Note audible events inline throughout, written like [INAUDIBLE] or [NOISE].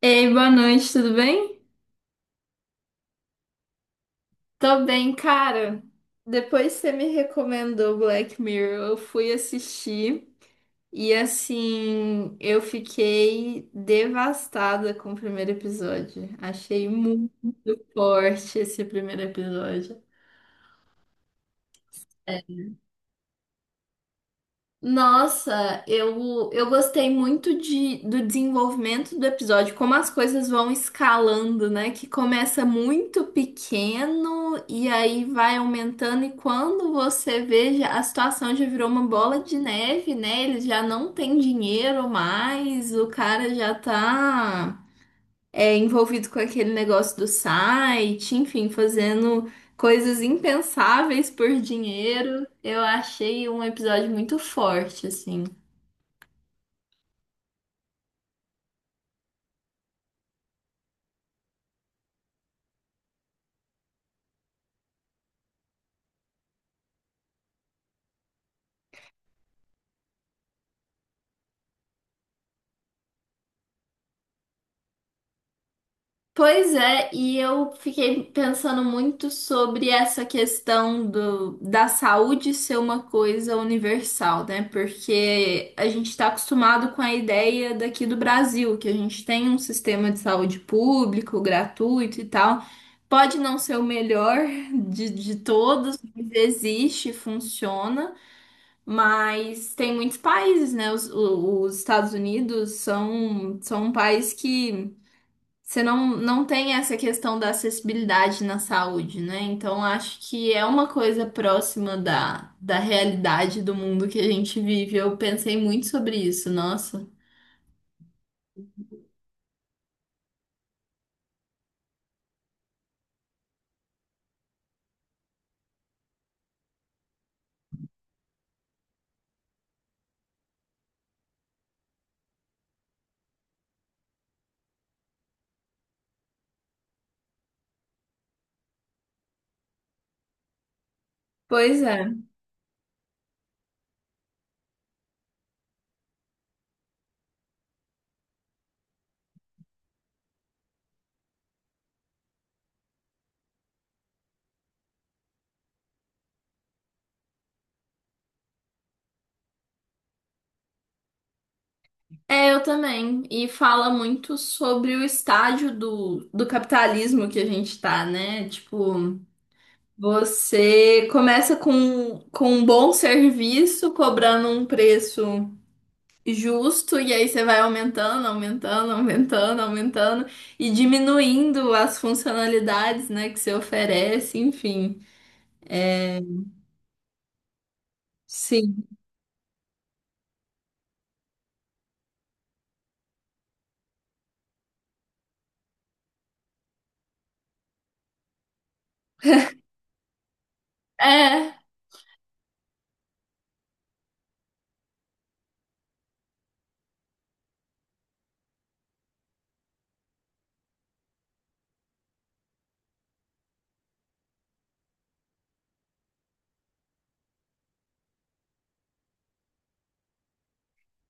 Ei, boa noite, tudo bem? Tô bem, cara. Depois que você me recomendou Black Mirror, eu fui assistir e assim, eu fiquei devastada com o primeiro episódio. Achei muito forte esse primeiro episódio. Nossa, eu gostei muito do desenvolvimento do episódio, como as coisas vão escalando, né? Que começa muito pequeno e aí vai aumentando, e quando você vê, a situação já virou uma bola de neve, né? Ele já não tem dinheiro mais, o cara já tá envolvido com aquele negócio do site, enfim, fazendo coisas impensáveis por dinheiro. Eu achei um episódio muito forte, assim. Pois é, e eu fiquei pensando muito sobre essa questão da saúde ser uma coisa universal, né? Porque a gente está acostumado com a ideia daqui do Brasil, que a gente tem um sistema de saúde público, gratuito e tal. Pode não ser o melhor de todos, mas existe, funciona, mas tem muitos países, né? Os Estados Unidos são um país que. Você não tem essa questão da acessibilidade na saúde, né? Então, acho que é uma coisa próxima da realidade do mundo que a gente vive. Eu pensei muito sobre isso, nossa. Pois é. É, eu também. E fala muito sobre o estágio do capitalismo que a gente tá, né? Tipo, você começa com um bom serviço, cobrando um preço justo, e aí você vai aumentando, aumentando, aumentando, aumentando e diminuindo as funcionalidades, né, que você oferece, enfim. Sim. É,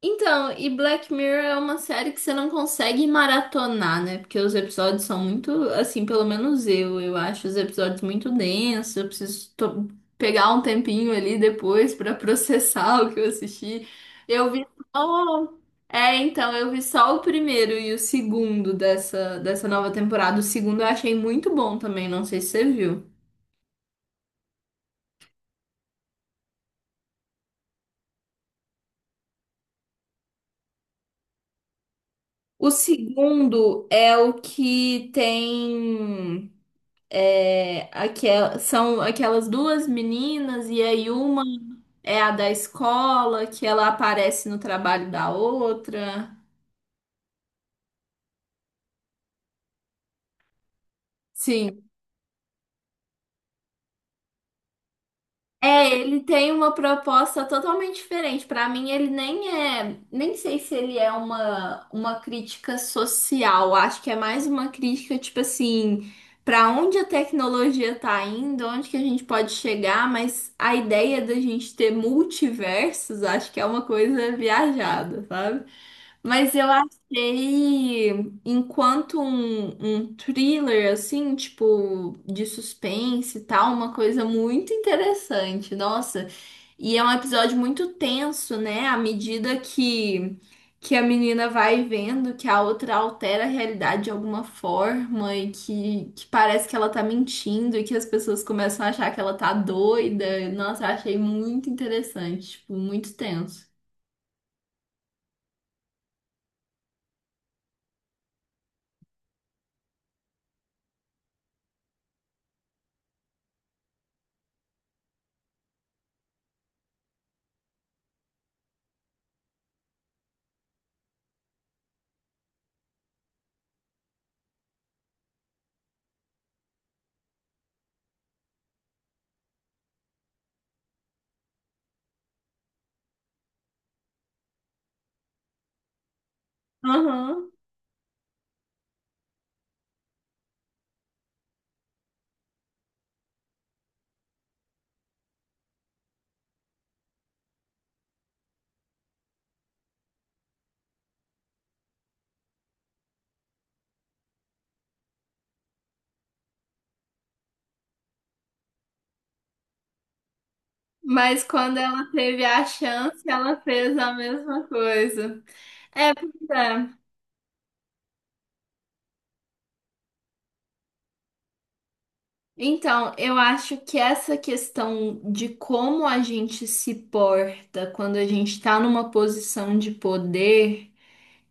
então, e Black Mirror é uma série que você não consegue maratonar, né? Porque os episódios são muito, assim, pelo menos eu acho os episódios muito densos, eu preciso pegar um tempinho ali depois pra processar [LAUGHS] o que eu assisti. Eu vi só... É, então, eu vi só o primeiro e o segundo dessa nova temporada. O segundo eu achei muito bom também, não sei se você viu. O segundo é o que tem. É, são aquelas duas meninas, e aí uma é a da escola, que ela aparece no trabalho da outra. Sim. É, ele tem uma proposta totalmente diferente. Para mim, ele nem é, nem sei se ele é uma crítica social. Acho que é mais uma crítica, tipo assim, para onde a tecnologia tá indo, onde que a gente pode chegar, mas a ideia da gente ter multiversos, acho que é uma coisa viajada, sabe? Mas eu achei, enquanto um thriller, assim, tipo, de suspense e tal, uma coisa muito interessante, nossa. E é um episódio muito tenso, né? Que a menina vai vendo que a outra altera a realidade de alguma forma e que parece que ela tá mentindo e que as pessoas começam a achar que ela tá doida. Nossa, eu achei muito interessante, tipo, muito tenso. Aham. Mas quando ela teve a chance, ela fez a mesma coisa. É, pois é. Então, eu acho que essa questão de como a gente se porta quando a gente tá numa posição de poder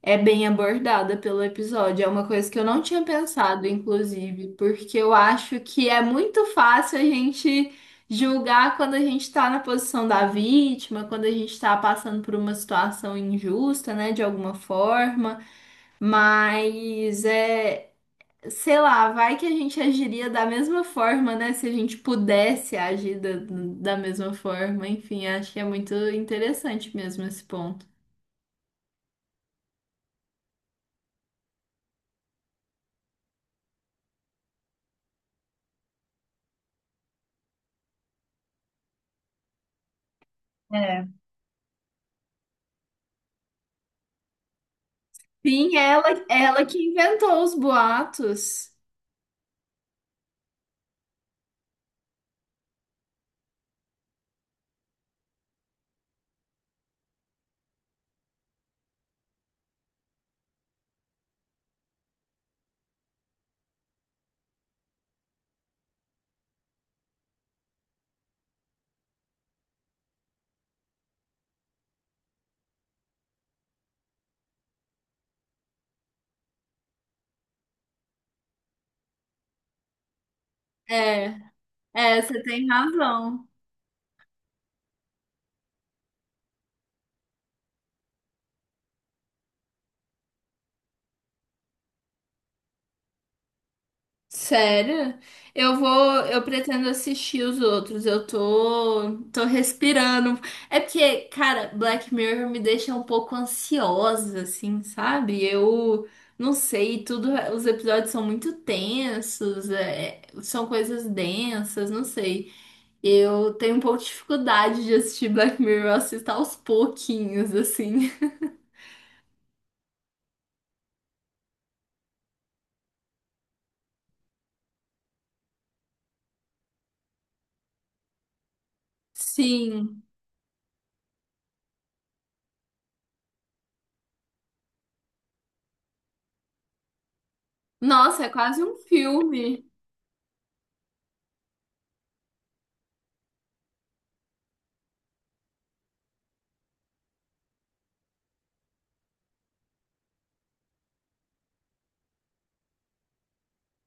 é bem abordada pelo episódio. É uma coisa que eu não tinha pensado, inclusive, porque eu acho que é muito fácil a gente julgar quando a gente tá na posição da vítima, quando a gente tá passando por uma situação injusta, né, de alguma forma. Mas é, sei lá, vai que a gente agiria da mesma forma, né? Se a gente pudesse agir da mesma forma. Enfim, acho que é muito interessante mesmo esse ponto. É. Sim, ela que inventou os boatos. É, é, você tem razão. Sério? Eu vou, eu pretendo assistir os outros. Eu tô, tô respirando. É porque, cara, Black Mirror me deixa um pouco ansiosa, assim, sabe? Eu não sei, tudo, os episódios são muito tensos, é, são coisas densas, não sei. Eu tenho um pouco de dificuldade de assistir Black Mirror, eu assisto aos pouquinhos, assim. [LAUGHS] Sim. Nossa, é quase um filme.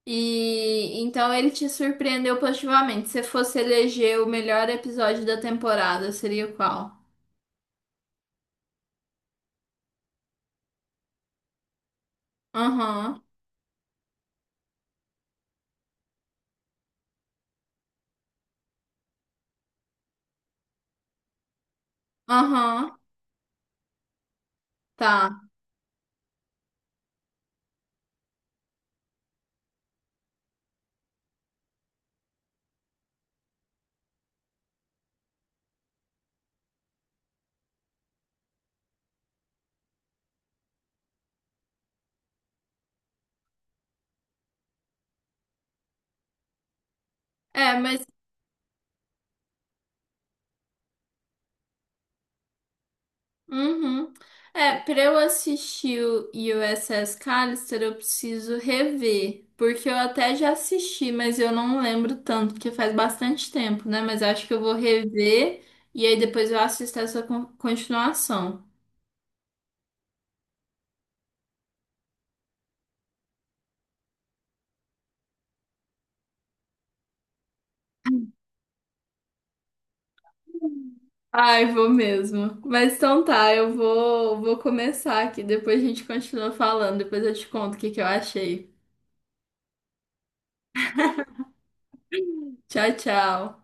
E então ele te surpreendeu positivamente. Se fosse eleger o melhor episódio da temporada, seria qual? Aham, aham, tá. É, mas. Uhum. É, pra eu assistir o USS Callister, eu preciso rever. Porque eu até já assisti, mas eu não lembro tanto, porque faz bastante tempo, né? Mas acho que eu vou rever e aí depois eu assisto essa continuação. Ai, vou mesmo. Mas então tá, eu vou, vou começar aqui. Depois a gente continua falando. Depois eu te conto o que que eu achei. Tchau, tchau.